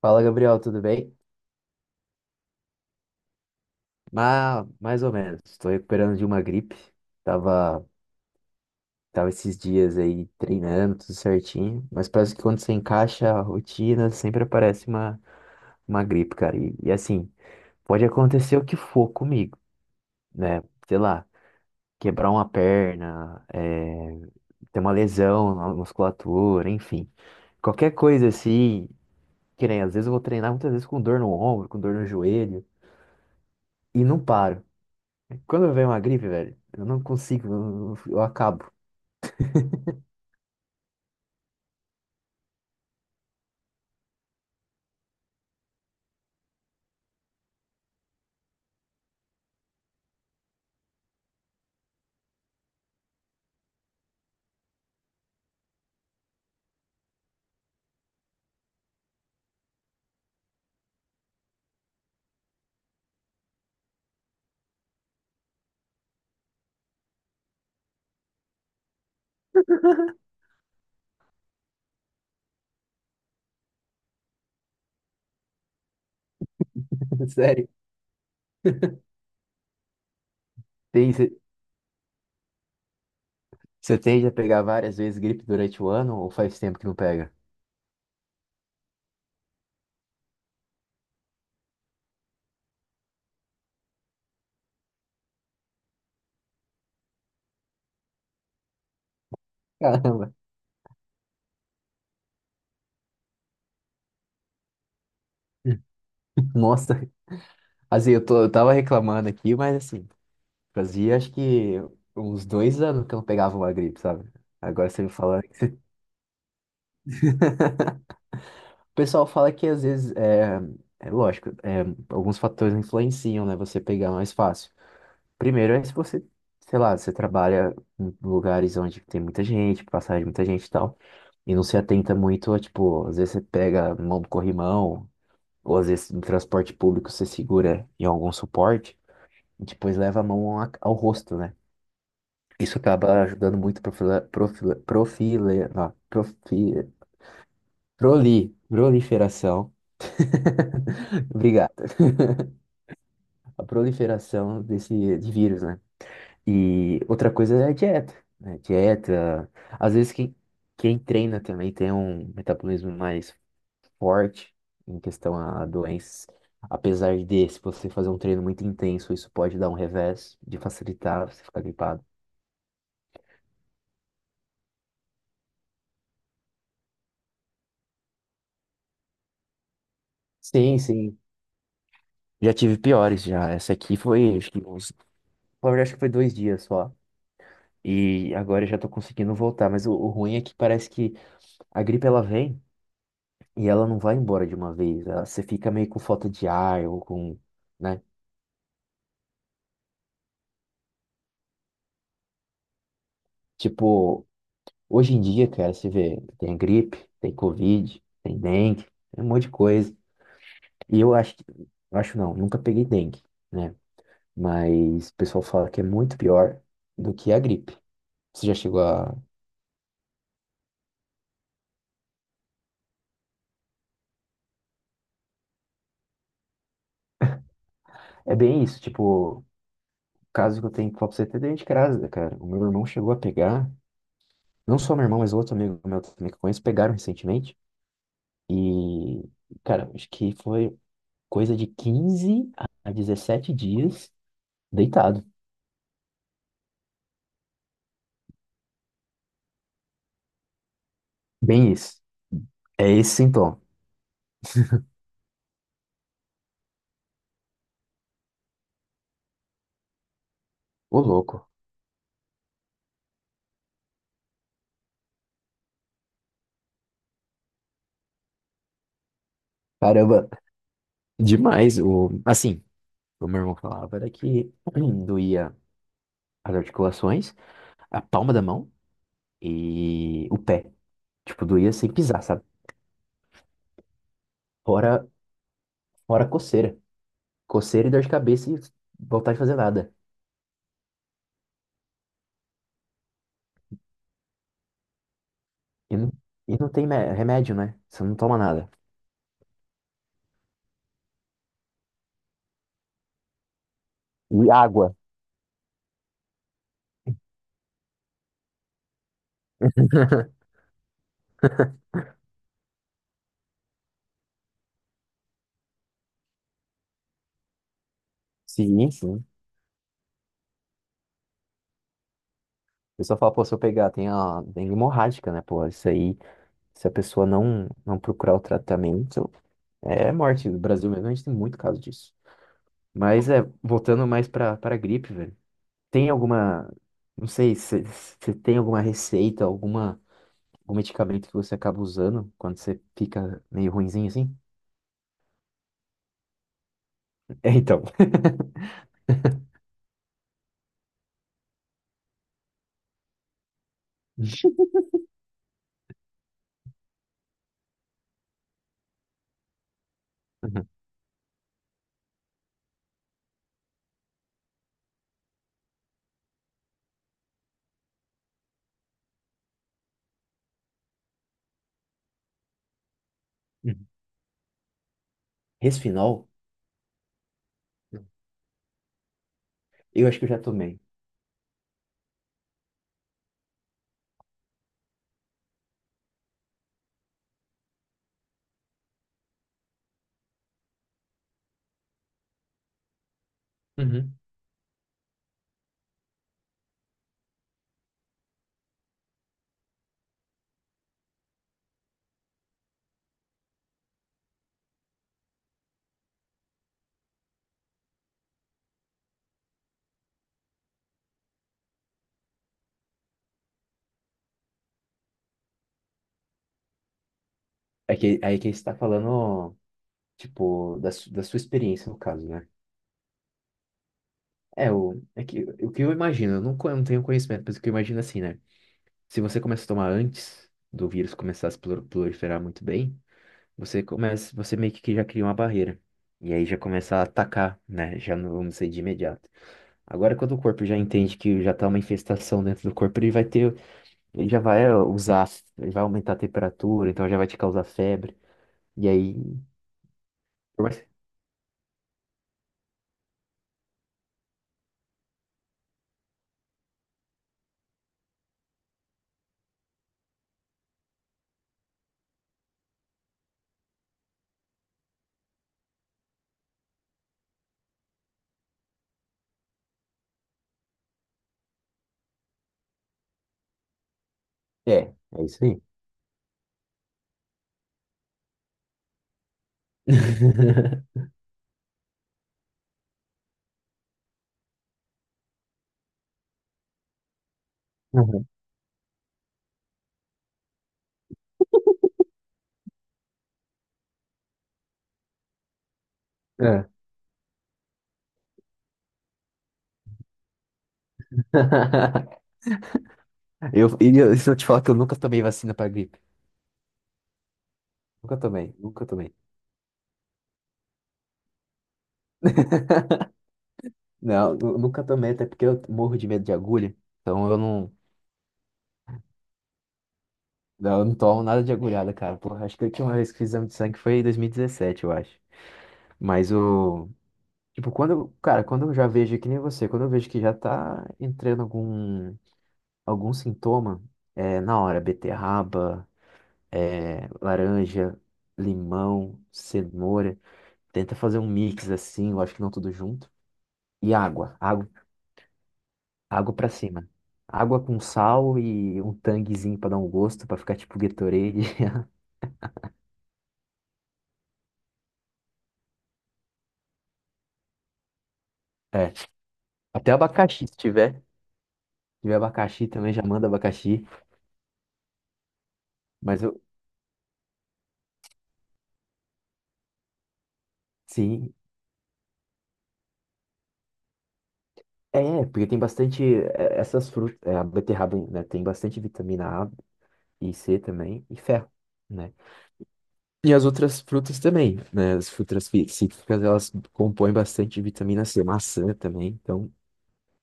Fala, Gabriel, tudo bem? Mais ou menos. Estou recuperando de uma gripe. Tava, tava esses dias aí treinando, tudo certinho. Mas parece que quando você encaixa a rotina, sempre aparece uma gripe, cara. E assim, pode acontecer o que for comigo, né? Sei lá, quebrar uma perna, ter uma lesão na musculatura, enfim. Qualquer coisa assim, que nem, às vezes eu vou treinar muitas vezes com dor no ombro, com dor no joelho, e não paro. Quando vem uma gripe, velho, eu não consigo, eu acabo. Sério. Tem, você tende a pegar várias vezes gripe durante o ano ou faz tempo que não pega? Caramba. Nossa, assim, eu, tô, eu tava reclamando aqui, mas assim, fazia acho que uns 2 anos que eu não pegava uma gripe, sabe? Agora você me falando. O pessoal fala que às vezes, é, é lógico, é, alguns fatores influenciam, né? Você pegar mais fácil. Primeiro é se você, sei lá, você trabalha em lugares onde tem muita gente, passagem de muita gente e tal, e não se atenta muito, tipo, às vezes você pega mão do corrimão, ou às vezes no transporte público você segura em algum suporte e depois leva a mão ao rosto, né? Isso acaba ajudando muito não, proliferação. Obrigado. A proliferação desse de vírus, né? E outra coisa é a dieta, né? Dieta. Às vezes quem treina também tem um metabolismo mais forte em questão a doenças. Apesar de, se você fazer um treino muito intenso, isso pode dar um revés de facilitar você ficar gripado. Sim, sim. Já tive piores já. Essa aqui foi, acho que uns, na verdade, acho que foi 2 dias só. E agora eu já tô conseguindo voltar. Mas o ruim é que parece que a gripe ela vem e ela não vai embora de uma vez. Ela- você fica meio com falta de ar ou com, né? Tipo, hoje em dia, cara, você vê, tem gripe, tem Covid, tem dengue, tem um monte de coisa. E eu acho que, eu acho não, nunca peguei dengue, né? Mas o pessoal fala que é muito pior do que a gripe. Você já chegou a. É bem isso, tipo, o caso que eu tenho que falar pra você é até dentro de casa, cara. O meu irmão chegou a pegar, não só meu irmão, mas outro amigo meu também que eu conheço, pegaram recentemente. E, cara, acho que foi coisa de quinze a 17 dias deitado. Bem isso. É esse sintoma. Ô, louco. Caramba, demais. O, assim, o meu irmão falava era que doía as articulações, a palma da mão e o pé. Tipo, doía sem pisar, sabe? Fora, fora coceira. Coceira e dor de cabeça e vontade de fazer nada. E não, e não tem remédio, né? Você não toma nada. E água. Sim, sim. O pessoal fala, pô, se eu pegar, tem a dengue hemorrágica, né, pô? Isso aí, se a pessoa não, não procurar o tratamento, é morte no Brasil mesmo, a gente tem muito caso disso. Mas é, voltando mais pra gripe, velho. Tem alguma, não sei, se tem alguma receita, alguma, algum medicamento que você acaba usando quando você fica meio ruinzinho assim? É, então. Uhum. Uhum. Resfinol, eu acho que eu já tomei. Uhum. É que, aí que você tá falando, tipo, da sua experiência no caso, né? É, o, é que, o que eu imagino, eu não tenho conhecimento, mas o que eu imagino assim, né? Se você começa a tomar antes do vírus começar a se proliferar muito bem, você começa, você meio que já cria uma barreira. E aí já começa a atacar, né? Já não vamos ser de imediato. Agora, quando o corpo já entende que já tá uma infestação dentro do corpo, ele vai ter, ele já vai ó, usar, ele vai aumentar a temperatura, então já vai te causar febre. E aí. por mais- É, é isso aí. Uhum. É. Eu, e eu- se eu te falar que eu nunca tomei vacina pra gripe. Nunca tomei, nunca tomei. Não, nunca tomei, até porque eu morro de medo de agulha. Então eu não tomo nada de agulhada, cara. Porra, acho que a última vez que fiz exame de sangue foi em 2017, eu acho. Mas o. Tipo, cara, quando eu já vejo que nem você, quando eu vejo que já tá entrando algum, algum sintoma, é na hora, beterraba, é, laranja, limão, cenoura. Tenta fazer um mix assim, eu acho que não tudo junto. E água. Água pra cima. Água com sal e um tanguezinho pra dar um gosto, pra ficar tipo Gatorade. É. Até abacaxi, se tiver. Se tiver abacaxi também, já manda abacaxi. Mas eu, sim. É, porque tem bastante é, essas frutas. É, a beterraba, né? Tem bastante vitamina A e C também, e ferro, né? E as outras frutas também, né? As frutas cítricas, elas compõem bastante vitamina C, maçã também. Então,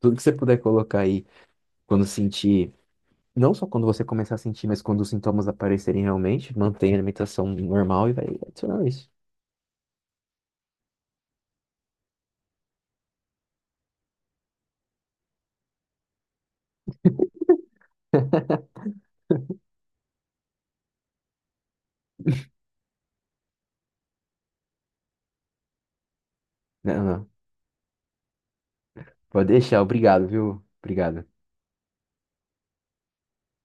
tudo que você puder colocar aí quando sentir. Não só quando você começar a sentir, mas quando os sintomas aparecerem realmente, mantenha a alimentação normal e vai adicionar isso. Não, não. Pode deixar, obrigado, viu? Obrigado.